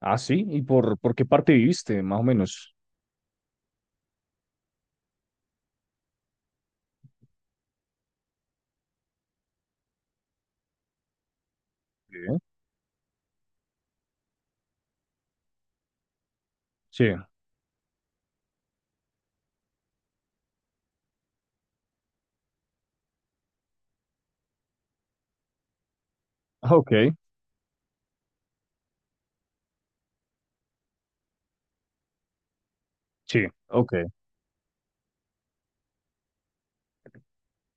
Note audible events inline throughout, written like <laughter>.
Ah, sí. ¿Y por qué parte viviste, más o menos? Sí. Sí. Ah, ok. Sí. Ok.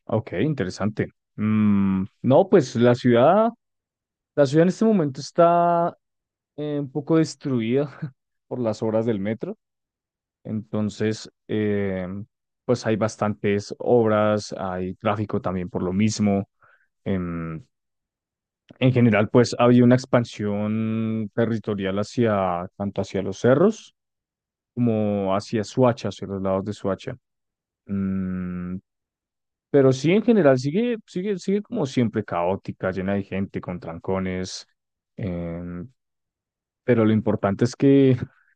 Ok. Interesante. Mm, no, pues la ciudad en este momento está un poco destruida <laughs> por las obras del metro. Entonces, pues hay bastantes obras, hay tráfico también por lo mismo. Em, en general, pues había una expansión territorial hacia, tanto hacia los cerros como hacia Suacha, hacia los lados de Suacha. Mm, pero sí, en general, sigue sigue como siempre caótica, llena de gente, con trancones. em, pero lo importante es <laughs>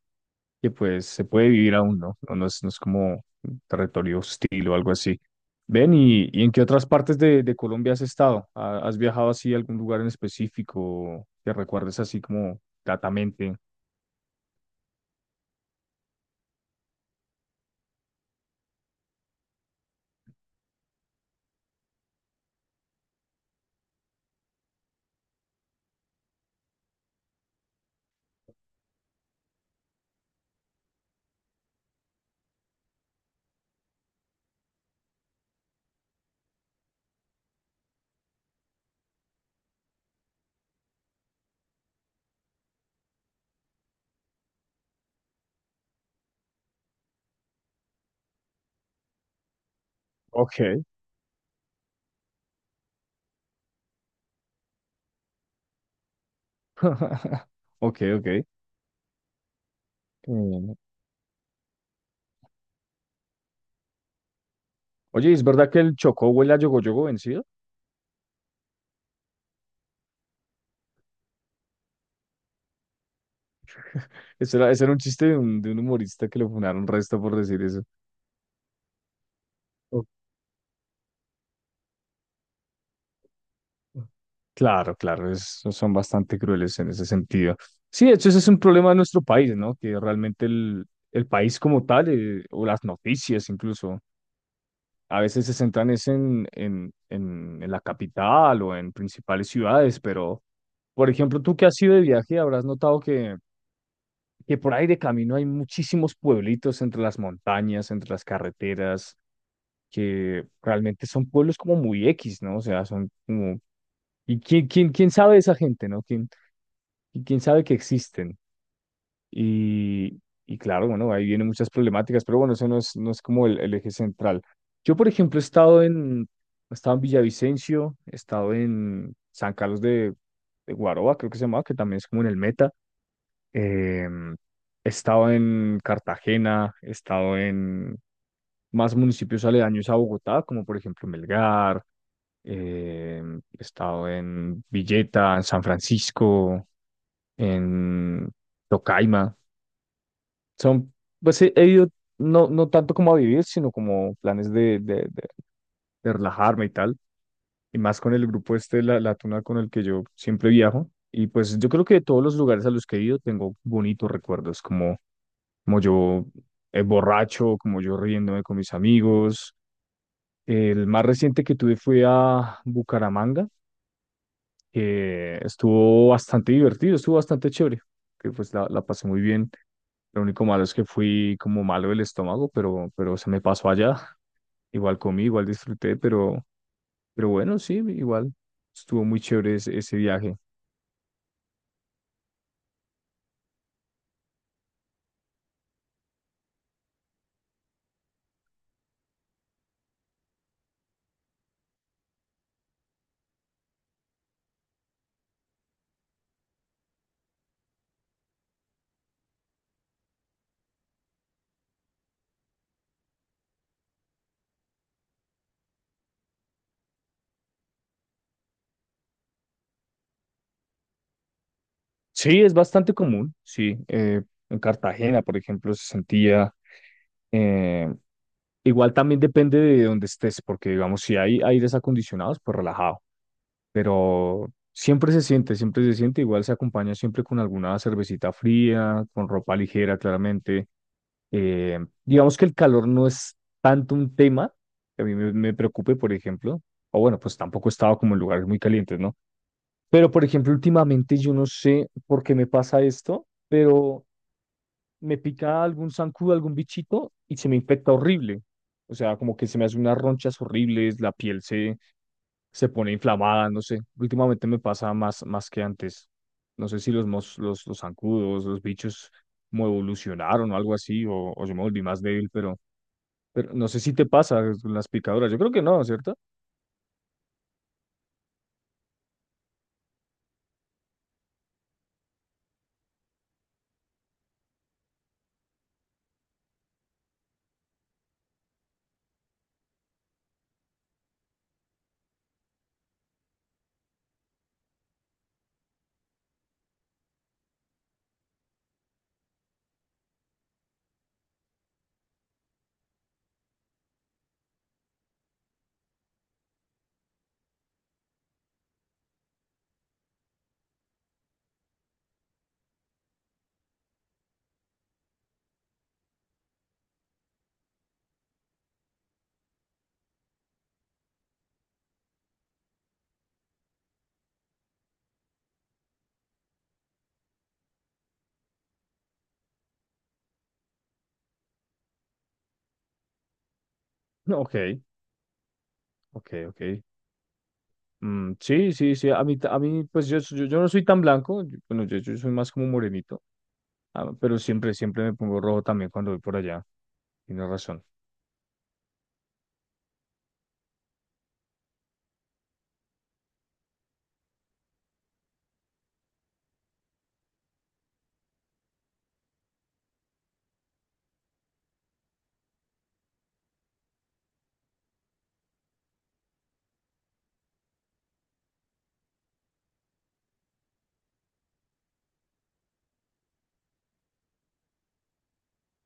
que, pues se puede vivir aún, ¿no? No, no es como un territorio hostil o algo así. Ven, ¿y en qué otras partes de Colombia has estado? ¿Has viajado así a algún lugar en específico que recuerdes así como gratamente? Ok. <laughs> Ok, ok. Em, Oye, ¿es verdad que el Chocó huele a yogoyogo vencido? Eso era un chiste de un humorista que lo funaron resto por decir eso. O- Claro, claro, es- son bastante crueles en ese sentido. Sí, de hecho, ese es un problema de nuestro país, ¿no? Que realmente el país como tal, o las noticias incluso, a veces se centran es en la capital o en principales ciudades, pero, por ejemplo, tú que has ido de viaje, habrás notado que por ahí de camino hay muchísimos pueblitos entre las montañas, entre las carreteras, que realmente son pueblos como muy X, ¿no? O sea, son como... ¿Y quién sabe de esa gente, ¿no? ¿Quién, y quién sabe que existen? Y, y claro, bueno, ahí vienen muchas problemáticas, pero bueno, eso no es, no es como el eje central. Yo, por ejemplo, he estado en Villavicencio, he estado en San Carlos de Guaroa, creo que se llama, que también es como en el Meta. em, He estado en Cartagena, he estado en más municipios aledaños a Bogotá, como por ejemplo Melgar. Eh, He estado en Villeta, en San Francisco, en Tocaima. Son, pues he ido no, no tanto como a vivir, sino como planes de relajarme y tal. Y más con el grupo este, la Tuna, con el que yo siempre viajo. Y pues yo creo que de todos los lugares a los que he ido tengo bonitos recuerdos, como, como yo borracho, como yo riéndome con mis amigos. El más reciente que tuve fue a Bucaramanga, que estuvo bastante divertido, estuvo bastante chévere, que pues la pasé muy bien. Lo único malo es que fui como malo del estómago, pero se me pasó allá. Igual comí, igual disfruté, pero bueno, sí, igual estuvo muy chévere ese viaje. Sí, es bastante común, sí. En Cartagena, por ejemplo, se sentía... eh, igual también depende de dónde estés, porque digamos, si hay aires acondicionados, pues relajado. Pero siempre se siente, igual se acompaña siempre con alguna cervecita fría, con ropa ligera, claramente. Eh, digamos que el calor no es tanto un tema que a mí me preocupe, por ejemplo, o bueno, pues tampoco he estado como en lugares muy calientes, ¿no? Pero, por ejemplo, últimamente yo no sé por qué me pasa esto, pero me pica algún zancudo, algún bichito y se me infecta horrible. O sea, como que se me hacen unas ronchas horribles, se pone inflamada, no sé. Últimamente me pasa más, más que antes. No sé si los zancudos, los bichos como evolucionaron o algo así, o yo me volví más débil, pero no sé si te pasa con las picaduras. Yo creo que no, ¿cierto? <laughs> No, ok, ok, ok. Mm, sí, sí, sí. A mí pues yo no soy tan blanco. Bueno, yo soy más como morenito, ah, pero siempre, siempre me pongo rojo también cuando voy por allá. Tienes razón.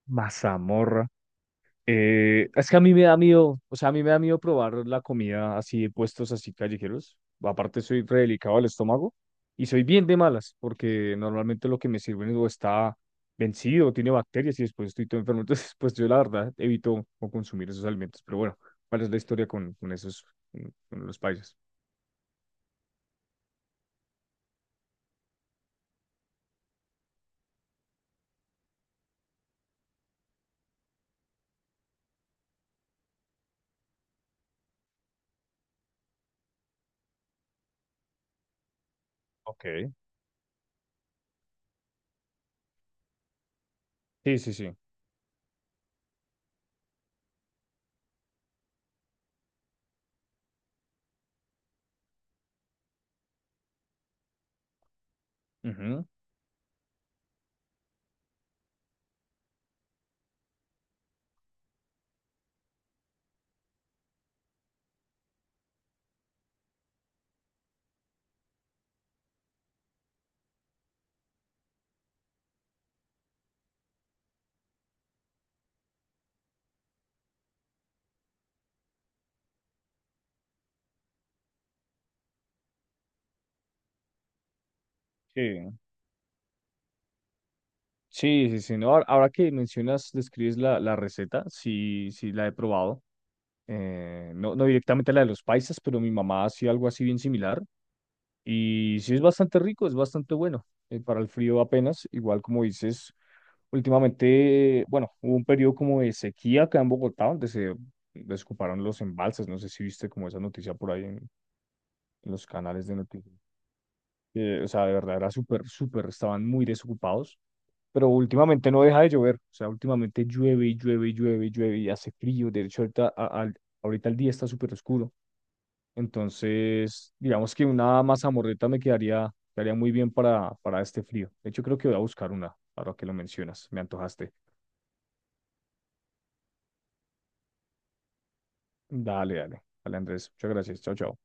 Mazamorra. Es que a mí me da miedo, o sea, a mí me da miedo probar la comida así de puestos así callejeros. Aparte soy re delicado al estómago y soy bien de malas porque normalmente lo que me sirven o está vencido, tiene bacterias y después estoy todo enfermo. <laughs> Entonces, pues yo la verdad evito o consumir esos alimentos. Pero bueno, ¿cuál es la historia con esos, con los países? Ok. Sí, sí, sí. Ujú. Sí, sí, sí, sí. No, ahora que mencionas, describes la receta, sí, sí, la he probado. Eh, no, no directamente la de los paisas, pero mi mamá hacía algo así bien similar. Y sí es bastante rico, es bastante bueno. Eh, para el frío apenas, igual como dices, últimamente, bueno, hubo un periodo como de sequía acá en Bogotá, donde se desocuparon los embalses. No sé si viste como esa noticia por ahí en los canales de noticias. Eh, o sea, de verdad era súper, súper, estaban muy desocupados. Pero últimamente no deja de llover, o sea, últimamente llueve y llueve y llueve y llueve y hace frío. De hecho, ahorita el día está súper oscuro. Entonces, digamos que una mazamorreta me quedaría, quedaría muy bien para este frío. De hecho, creo que voy a buscar una, ahora que lo mencionas. Me antojaste. Dale, dale. Dale, Andrés. Muchas gracias. Chao, chao.